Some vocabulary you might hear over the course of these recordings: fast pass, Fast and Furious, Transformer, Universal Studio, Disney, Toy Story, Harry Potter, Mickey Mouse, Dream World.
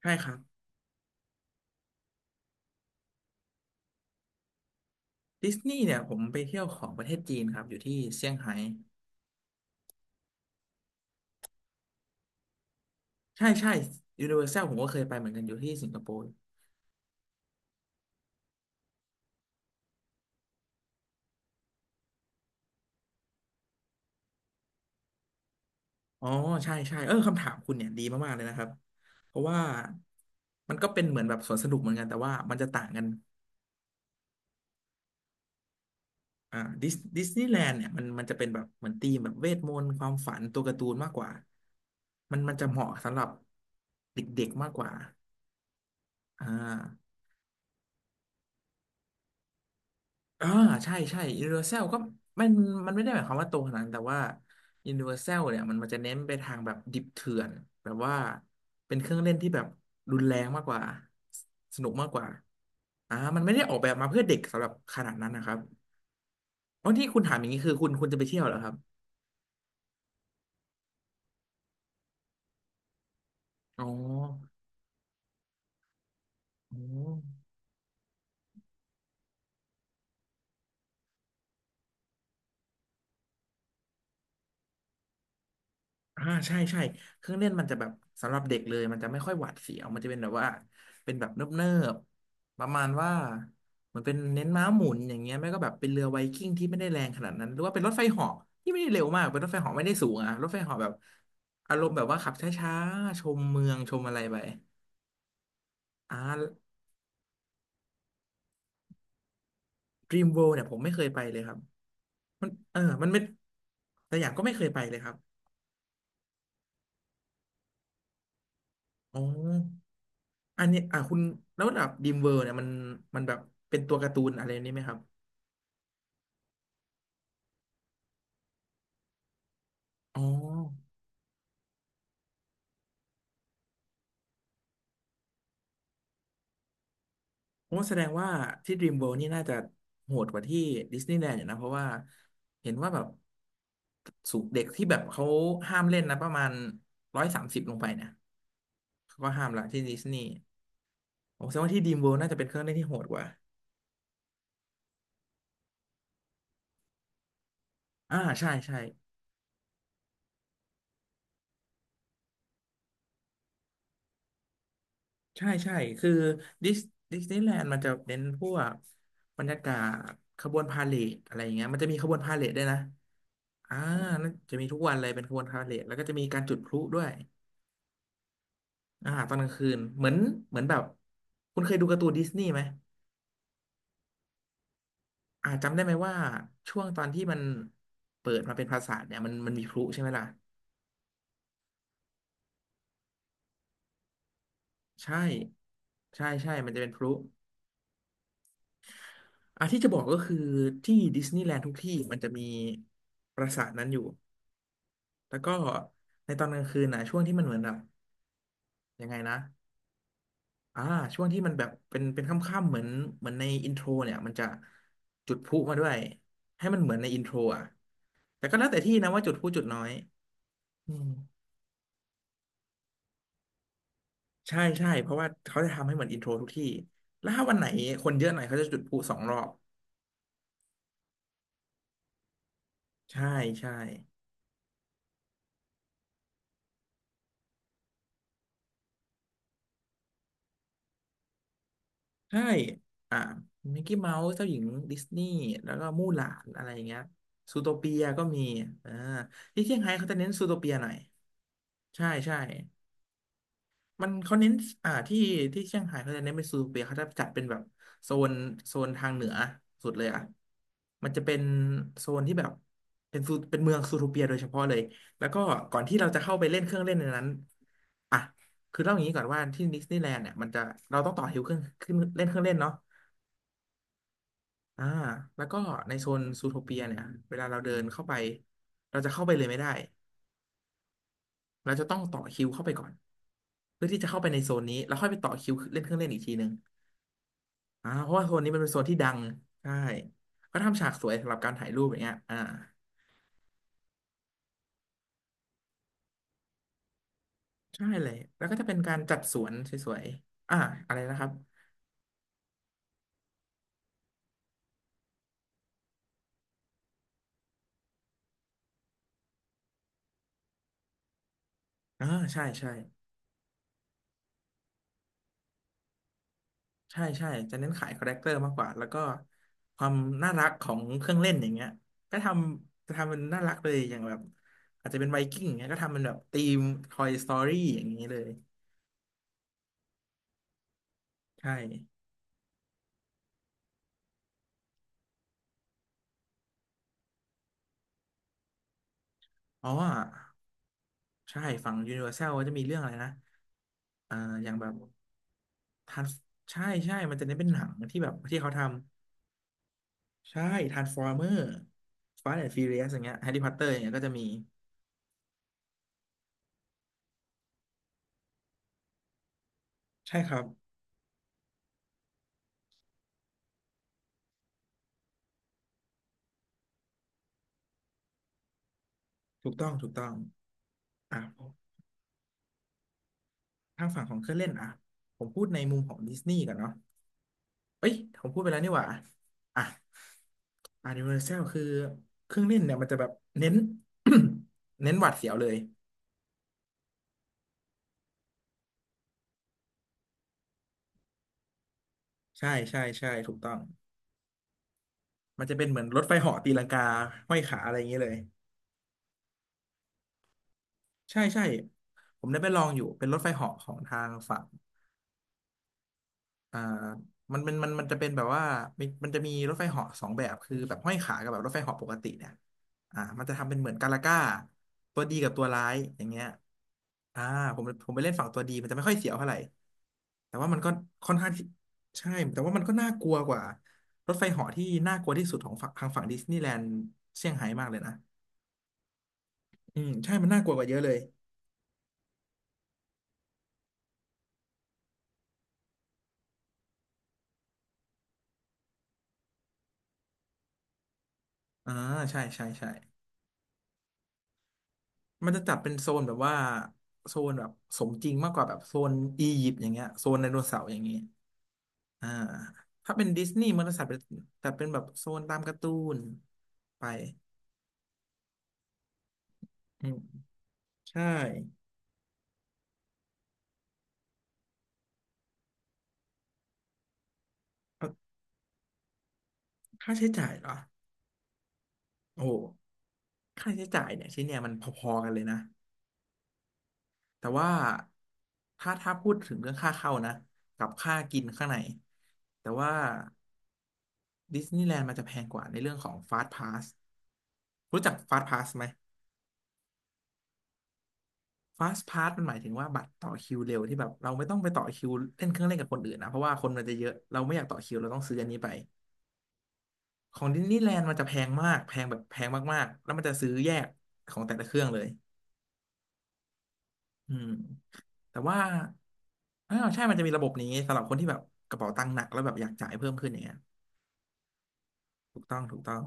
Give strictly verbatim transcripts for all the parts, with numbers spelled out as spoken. ใช่ครับดิสนีย์เนี่ยผมไปเที่ยวของประเทศจีนครับอยู่ที่เซี่ยงไฮ้ใช่ใช่ยูนิเวอร์แซลผมก็เคยไปเหมือนกันอยู่ที่สิงคโปร์อ๋อใช่ใช่เออคำถามคุณเนี่ยดีมากๆเลยนะครับเพราะว่ามันก็เป็นเหมือนแบบสวนสนุกเหมือนกันแต่ว่ามันจะต่างกันอ่าดิสดิสนีย์แลนด์เนี่ยมันมันจะเป็นแบบเหมือนธีมแบบเวทมนต์ความฝันตัวการ์ตูนมากกว่ามันมันจะเหมาะสำหรับเด็กๆมากกว่าอ่า อ่าใช่ใช่ Universal ก็มันมันไม่ได้หมายความว่าตรงขนาดนั้นแต่ว่า Universal เนี่ยมันมันจะเน้นไปทางแบบดิบเถื่อนแบบว่าเป็นเครื่องเล่นที่แบบรุนแรงมากกว่าสนุกมากกว่าอ่ามันไม่ได้ออกแบบมาเพื่อเด็กสำหรับขนาดนั้นนะครับอ๋อที่คุณถามอย่างนี้คือคุณคุณจะไปเที่ยวเหรอครับอ๋ออ๋อ อ่าใช่ใช่เครื่องเล่นมันจะแบบสำหรับเด็กเลยมันจะไม่ค่อยหวาดเสียวมันจะเป็นแบบว่าเป็นแบบเนิบๆประมาณว่าเหมันเป็นเน้นม้าหมุนอย่างเงี้ยไม่ก็แบบเป็นเรือไวกิ้งที่ไม่ได้แรงขนาดนั้นหรือว่าเป็นรถไฟเหาะที่ไม่ได้เร็วมากเป็นรถไฟเหาะไม่ได้สูงอะรถไฟเหาะแบบอารมณ์แบบว่าขับช้าๆชมเมืองชมอะไรไปอ่า Dream World เนี่ยผมไม่เคยไปเลยครับมันเออมันไม่แต่อย่างก็ไม่เคยไปเลยครับอ๋ออันนี้อ่ะคุณแล้วแบบดีมเวิร์เนี่ยมันมันแบบเป็นตัวการ์ตูนอะไรนี้ไหมครับ อ๋อผมว่าแสดงว่าที่ Dream World นี่น่าจะโหดกว่าที่ดิสนีย์แลนด์อยู่นะเพราะว่าเห็นว่าแบบสูงเด็กที่แบบเขาห้ามเล่นนะประมาณร้อยสามสิบลงไปเนี่ยเขาก็ห้ามละที่ดิสนีย์ผมแสดงว่าที่ Dream World น่าจะเป็นเครื่องเล่นที่โหดกว่าอ่าใช่ใช่ใช่ใช่คือดิสดิสนีย์แลนด์มันจะเน้นพวกบรรยากาศขบวนพาเหรดอะไรอย่างเงี้ยมันจะมีขบวนพาเหรดด้วยนะอ่าน่าจะมีทุกวันเลยเป็นขบวนพาเหรดแล้วก็จะมีการจุดพลุด้วย อ่าตอนกลางคืนเหมือนเหมือนแบบคุณเคยดูการ์ตูนดิสนีย์ไหมอ่าจำได้ไหมว่าช่วงตอนที่มันเปิดมาเป็นปราสาทเนี่ยมันมันมีพลุใช่ไหมล่ะใช่ใช่ใช่มันจะเป็นพลุอ่ะที่จะบอกก็คือที่ดิสนีย์แลนด์ทุกที่มันจะมีปราสาทนั้นอยู่แล้วก็ในตอนกลางคืนนะช่วงที่มันเหมือนแบบยังไงนะอ่าช่วงที่มันแบบเป็นเป็นค่ำๆเหมือนเหมือนในอินโทรเนี่ยมันจะจุดพลุมาด้วยให้มันเหมือนในอินโทรอ่ะแต่ก็แล้วแต่ที่นะว่าจุดพลุจุดน้อย อืมใช่ใช่เพราะว่าเขาจะทำให้เหมือนอินโทรทุกที่แล้วถ้าวันไหนคนเยอะหน่อยเขาจะจุดพลุสองรอบใช่ใช่ใช่อ่ามิกกี้เมาส์เจ้าหญิงดิสนีย์แล้วก็มู่หลานอะไรอย่างเงี้ยซูโทเปียก็มีอ่าที่เซี่ยงไฮ้เขาจะเน้นซูโทเปียหน่อยใช่ใช่ มันเขาเน้นอ่าที่ที่เชียงไฮ้เขาจะเน้นไปนซูเปียเขาจะจัดเป็นแบบโซนโซนทางเหนือสุดเลยอ่ะมันจะเป็นโซนที่แบบเป็นซูเป็นเมืองซูโทเปียโดยเฉพาะเลยแล้วก็ก่อนที่เราจะเข้าไปเล่นเครื่องเล่นในนั้นอ่ะคือเล่าอย่างนี้ก่อนว่าที่ดิสนีย์แลนด์เนี่ยมันจะเราต้องต่อแถวเครื่องขึ้นเล่นเครื่องเล่นเนาะอ่าแล้วก็ในโซนซูโทเปียเนี่ยเวลาเราเดินเข้าไปเราจะเข้าไปเลยไม่ได้ เราจะต้องต่อคิวเข้าไปก่อนเพื่อที่จะเข้าไปในโซนนี้แล้วค่อยไปต่อคิวเล่นเครื่องเล่นอีกทีหนึ่ง อ่าเพราะว่าโซนนี้มันเป็นโซนที่ดังใช่ก็ทำฉากสวยสำหรับการถ่ายรูปอย่างเงี้ยอ่าใช่เลยแล้วก็จะเป็นการจัดสวนสวยๆอ่าอะไรนะครับอ่าใช่ใช่ใช่ใช่จะเน้นขายคาแรคเตอร์มากกว่าแล้วก็ความน่ารักของเครื่องเล่นอย่างเงี้ยก็ทำจะทำมันน่ารักเลยอย่างแบบอาจจะเป็นไวกิ้งอย่างเงี้ยก็ทำเป็นแบบธีม Toy Story อย่างนี้เลยใช่อ๋อใช่ฝั่ง Universal ก็จะมีเรื่องอะไรนะอ่าอย่างแบบ ทานใช่ใช่ มันจะเน้นเป็นหนังที่แบบที่เขาทำใช่ทรานส์ฟอร์เมอร์ฟาสต์แอนด์ฟิวเรียสอย่างเงี้ยแฮร์รี่พอตเตอร์อย่างเงี้ยก็จะมีใช่ครับถูกต้องถูกต้องอ่ะทางฝั่งของเครื่องเล่นอ่ะผมพูดในมุมของดิสนีย์กันเนาะเอ้ยผมพูดไปแล้วนี่หว่าอ่ะอ่ะยูนิเวอร์แซลคือเครื่องเล่นเนี่ยมันจะแบบเน้น เน้นหวัดเสียวเลยใช่ใช่ใช่ถูกต้องมันจะเป็นเหมือนรถไฟเหาะตีลังกาห้อยขาอะไรอย่างเงี้ยเลย ใช่ใช่ผมได้ไปลองอยู่เป็นรถไฟเหาะของทางฝั่งอ่ามันเป็นมันมันจะเป็นแบบว่ามีมันจะมีรถไฟเหาะสองแบบคือแบบห้อยขากับแบบรถไฟเหาะปกติเนี่ยอ่ามันจะทำเป็นเหมือนกาลาก้าตัวดีกับตัวร้ายอย่างเงี้ยอ่าผมผมไปเล่นฝั่งตัวดีมันจะไม่ค่อยเสียวเท่าไหร่แต่ว่ามันก็ค่อนข้างที่ใช่แต่ว่ามันก็น่ากลัวกว่ารถไฟเหาะที่น่ากลัวที่สุดของฝั่งทางฝั่งดิสนีย์แลนด์เซี่ยงไฮ้มากเลยนะอืมใช่มันน่ากลัวกว่าเยอะเลยอ่าใช่ใช่ใช่ มันจะจัดเป็นโซนแบบว่าโซนแบบสมจริงมากกว่าแบบโซนอียิปต์อย่างเงี้ยโซนไดโนเสาร์อย่างเงี้ยอ่าถ้าเป็นดิสนีย์มันจะจัดเป็นจัดเป็นแบบโซนตามการ์ตูนไปอืมใช่เออค่าใช้จ่ายเหรอโอ้โหค่าใช้จ่ายเนี่ยชิ้นเนี่ยมันพอๆกันเลยนะแต่ว่าถ้าถ้าพูดถึงเรื่องค่าเข้านะกับค่ากินข้างในแต่ว่าดิสนีย์แลนด์มันจะแพงกว่าในเรื่องของฟาสต์พาสรู้จักฟาสต์พาสไหม fast pass มันหมายถึงว่าบัตรต่อคิวเร็วที่แบบเราไม่ต้องไปต่อคิวเล่นเครื่องเล่นกับคนอื่นนะเพราะว่าคนมันจะเยอะเราไม่อยากต่อคิวเราต้องซื้ออันนี้ไปของดิสนีย์แลนด์มันจะแพงมากแพงแบบแพงมากๆแล้วมันจะซื้อแยกของแต่ละเครื่องเลยอืมแต่ว่าอ้าวใช่มันจะมีระบบนี้สำหรับคนที่แบบกระเป๋าตังค์หนักแล้วแบบอยากจ่ายเพิ่มขึ้นอย่างเงี้ยถูกต้องถูกต้อง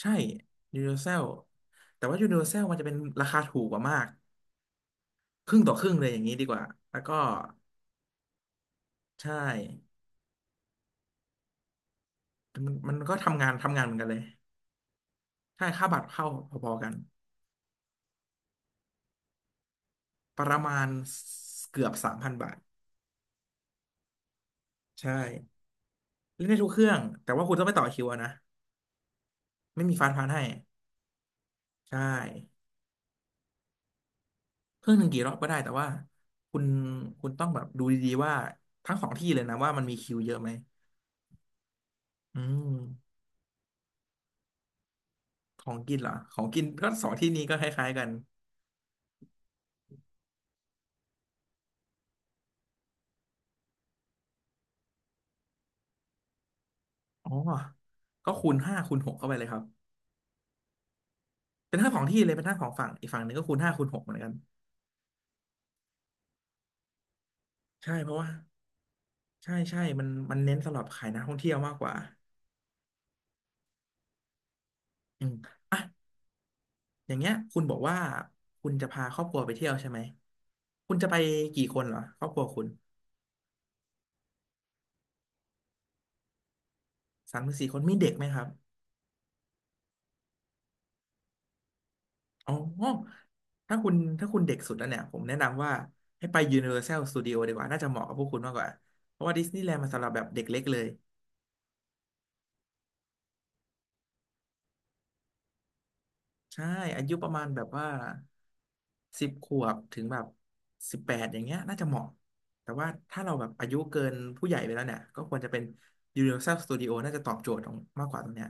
ใช่ Universal แต่ว่า Universal มันจะเป็นราคาถูกกว่ามากครึ่งต่อครึ่งเลยอย่างนี้ดีกว่าแล้วก็ใช่มันมันก็ทำงานทำงานเหมือนกันเลย ใช่ค่าบัตรเข้าพอๆกันประมาณเกือบสามพันบาทใช่เล่นได้ทุกเครื่องแต่ว่าคุณต้องไปต่อคิวอะนะไม่มีฟานพานให้ใช่เครื่องหนึ่งกี่รอบก็ได้แต่ว่าคุณคุณต้องแบบดูดีๆว่าทั้งสองที่เลยนะว่ามันมีคิวเยอะไหมอืมของกินเหรอของกินก็สองที่นี้ก็คล้ายๆกันอ๋อก็คูณห้าคูณหกเข้าไปเลยครับเป็นทั้งสองที่เลยเป็นทั้งสองฝั่งอีกฝั่งหนึ่งก็คูณห้าคูณหกเหมือนกันใช่เพราะว่าใช่ใช่มันมันเน้นสำหรับขายนักท่องเที่ยวมากกว่าอืมอ่ะ อย่างเงี้ยคุณบอกว่าคุณจะพาครอบครัวไปเที่ยวใช่ไหมคุณจะไปกี่คนเหรอครอบครัวคุณสามถึงสี่คนมีเด็กไหมครับอ๋อถ้าคุณถ้าคุณเด็กสุดแล้วเนี่ยผมแนะนำว่าให้ไป Universal Studio ดีกว่าน่าจะเหมาะกับพวกคุณมากกว่าเพราะว่าดิสนีย์แลนด์มันสำหรับแบบเด็กเล็กเลยใช่อายุประมาณแบบว่าสิบขวบถึงแบบสิบแปดอย่างเงี้ยน่าจะเหมาะแต่ว่าถ้าเราแบบอายุเกินผู้ใหญ่ไปแล้วเนี่ยก็ควรจะเป็น Universal Studio น่าจะตอบโจทย์ตรงมากกว่าตรงเนี้ย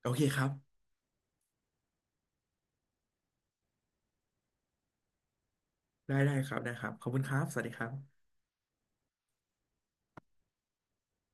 โอเคครับ ได้ได้ครับได้ครับขอบคุณครับสวัสดีครับ